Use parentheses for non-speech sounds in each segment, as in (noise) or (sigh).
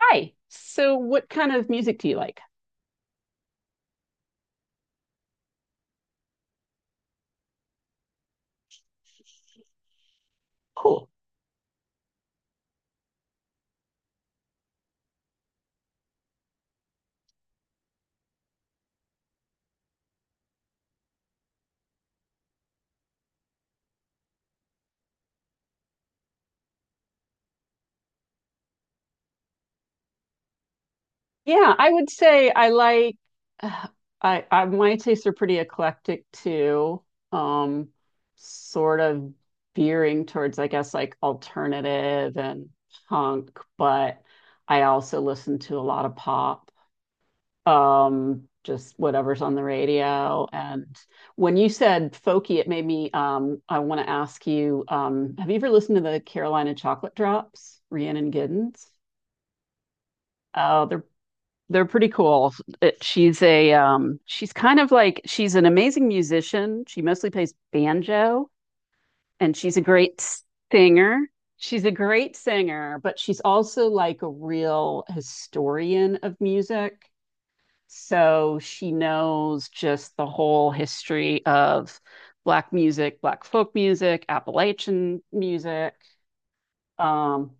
Hi. So, what kind of music do you like? Cool. Yeah, I would say I like. Uh, I my tastes are pretty eclectic too. Um, sort of veering towards, I guess, like alternative and punk, but I also listen to a lot of pop. Just whatever's on the radio. And when you said folky, it made me, I want to ask you, have you ever listened to the Carolina Chocolate Drops? Rhiannon Giddens? Oh, they're pretty cool. She's a, she's kind of like, she's an amazing musician. She mostly plays banjo, and she's a great singer. But she's also like a real historian of music. So she knows just the whole history of Black music, Black folk music, Appalachian music. Um,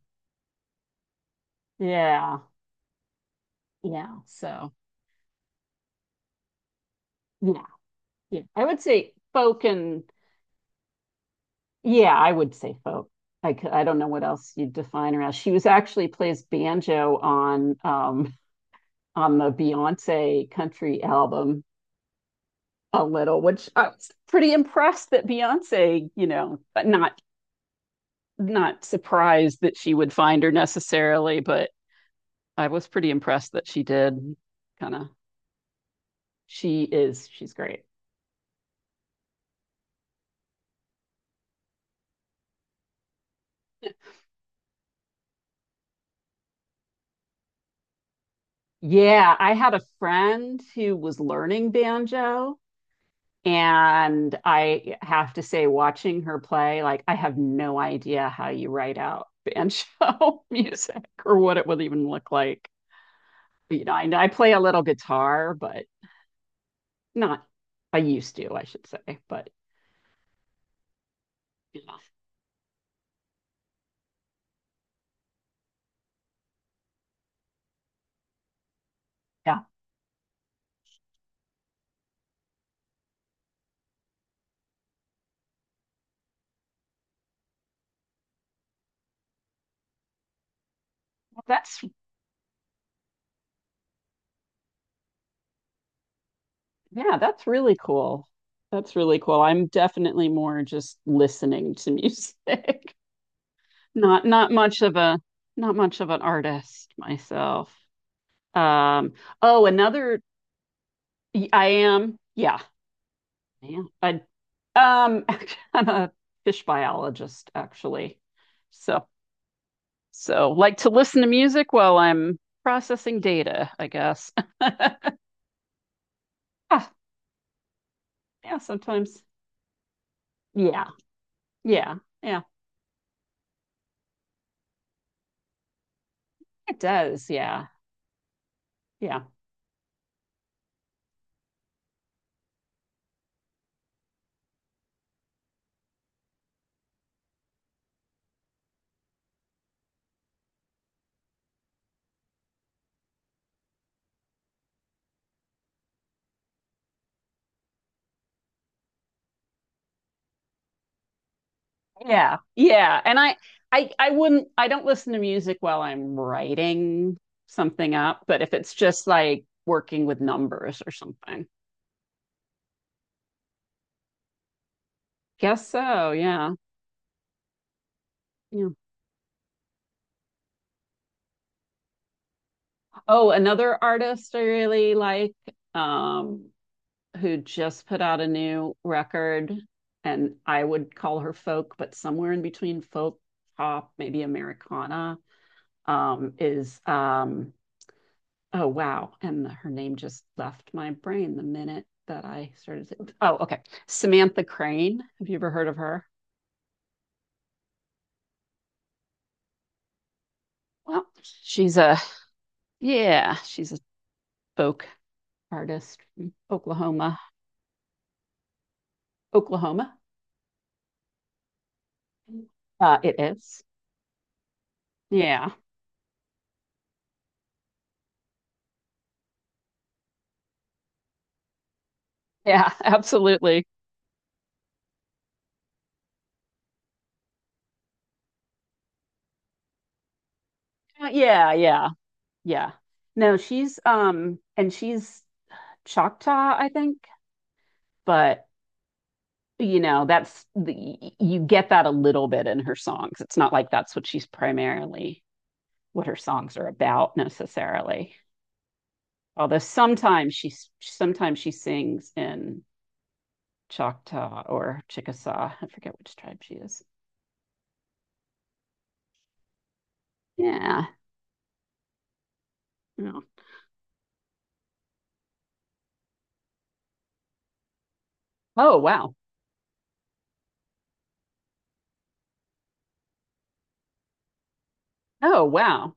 yeah, yeah. So, yeah, yeah. I would say folk, and yeah, I would say folk. I don't know what else you'd define her as. She was actually plays banjo on the Beyonce country album a little, which I was pretty impressed that Beyonce, but not surprised that she would find her necessarily, but I was pretty impressed that she did. Kind of, she is, she's great. Yeah, I had a friend who was learning banjo, and I have to say, watching her play, like, I have no idea how you write out banjo (laughs) music or what it would even look like. You know, I play a little guitar, but not, I used to, I should say, but you know, yeah, that's. Yeah, that's really cool. That's really cool. I'm definitely more just listening to music. (laughs) Not much of a, not much of an artist myself. Um, oh, another I am. Yeah. Yeah. I, um (laughs) I'm a fish biologist, actually. So so like to listen to music while I'm processing data, I guess. (laughs) Ah, yeah, sometimes. Yeah. Yeah. Yeah. It does. Yeah. Yeah. Yeah. Yeah. And I wouldn't, I don't listen to music while I'm writing something up, but if it's just like working with numbers or something. Guess so, yeah. Yeah. Oh, another artist I really like, um who just put out a new record, and I would call her folk, but somewhere in between folk, pop, maybe Americana, is, oh wow, and her name just left my brain the minute that Oh, okay, Samantha Crane. Have you ever heard of her? Well, she's a, yeah, she's a folk artist from Oklahoma. Oklahoma. It is. Yeah, yeah. (laughs) Absolutely. Yeah, yeah, yeah. No, she's, and she's Choctaw, I think. But you know, that's the you get that a little bit in her songs. It's not like that's what she's primarily, what her songs are about necessarily. Although sometimes she sings in Choctaw or Chickasaw. I forget which tribe she is. Yeah. Oh, oh wow. Oh wow.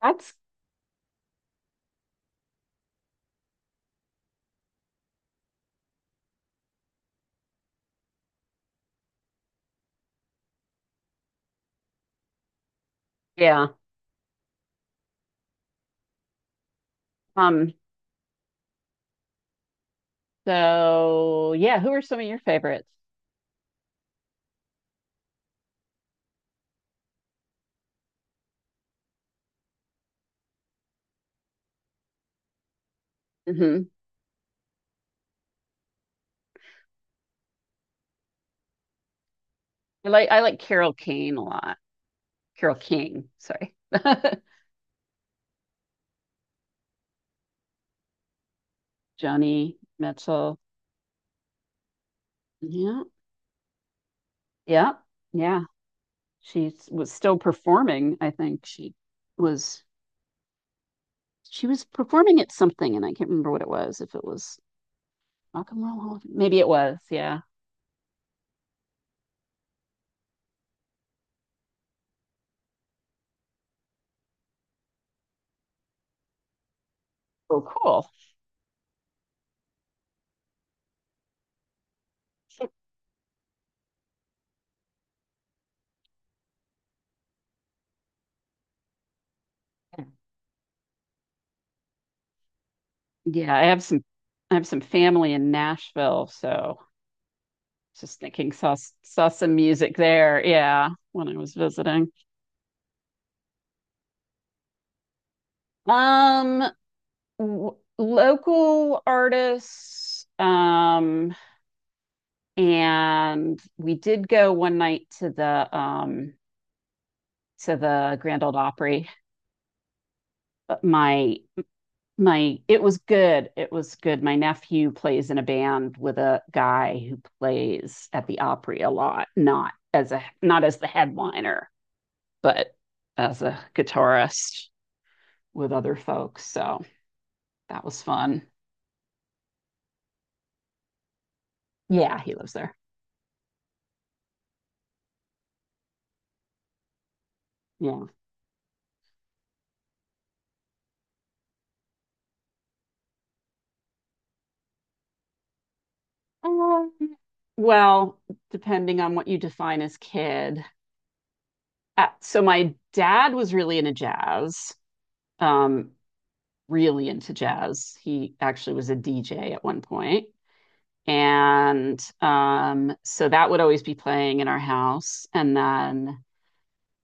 That's, yeah. Um. So yeah, who are some of your favorites? Hmm. I like Carol Kane a lot. Carol King, sorry. (laughs) Joni Mitchell. Yeah. Yeah. Yeah. She was still performing. I think was she was performing at something, and I can't remember what it was. If it was Rock and Roll Hall of Fame, maybe it was. Yeah. Oh, cool. Yeah, I have some family in Nashville, so just thinking, saw some music there, yeah, when I was visiting. Um Local artists, and we did go one night to the, to the Grand Old Opry. But my it was good. My nephew plays in a band with a guy who plays at the Opry a lot, not as a, not as the headliner, but as a guitarist with other folks. So that was fun. Yeah, he lives there. Yeah. Um, well, depending on what you define as kid. So my dad was really into jazz, um really into jazz. He actually was a DJ at one point. And so that would always be playing in our house. And then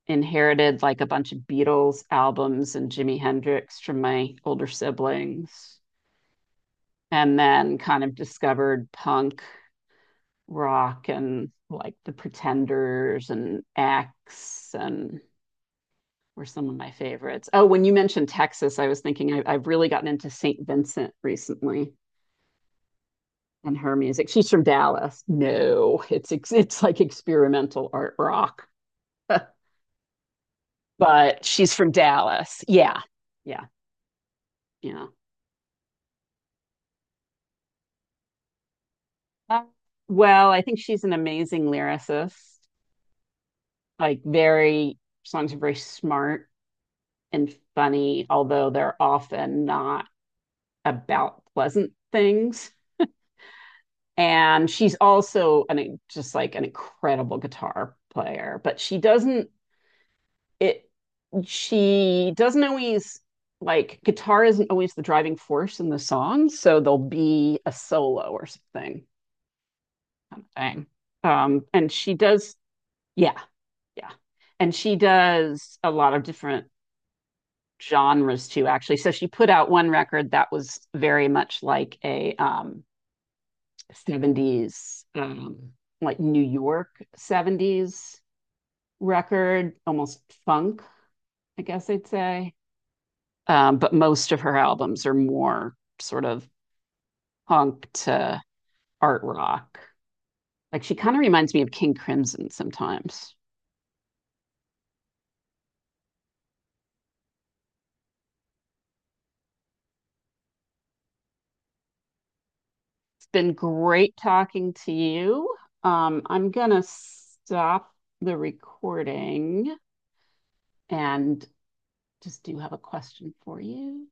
inherited like a bunch of Beatles albums and Jimi Hendrix from my older siblings. And then kind of discovered punk rock, and like the Pretenders and X and were some of my favorites. Oh, when you mentioned Texas, I was thinking, I've really gotten into St. Vincent recently. And her music. She's from Dallas. No, it's like experimental art rock, (laughs) but she's from Dallas. Yeah, yeah, yeah. Uh, well, I think she's an amazing lyricist. Like, very, songs are very smart and funny, although they're often not about pleasant things. And she's also an, just like an incredible guitar player, but she doesn't, it she doesn't always, like, guitar isn't always the driving force in the song, so there'll be a solo or something kind of thing. And she does, yeah, yeah, and she does a lot of different genres too, actually. So she put out one record that was very much like a, 70s, like New York 70s record, almost funk, I guess I'd say. But most of her albums are more sort of punk to art rock. Like, she kind of reminds me of King Crimson sometimes. It's been great talking to you. I'm gonna stop the recording, and just do have a question for you.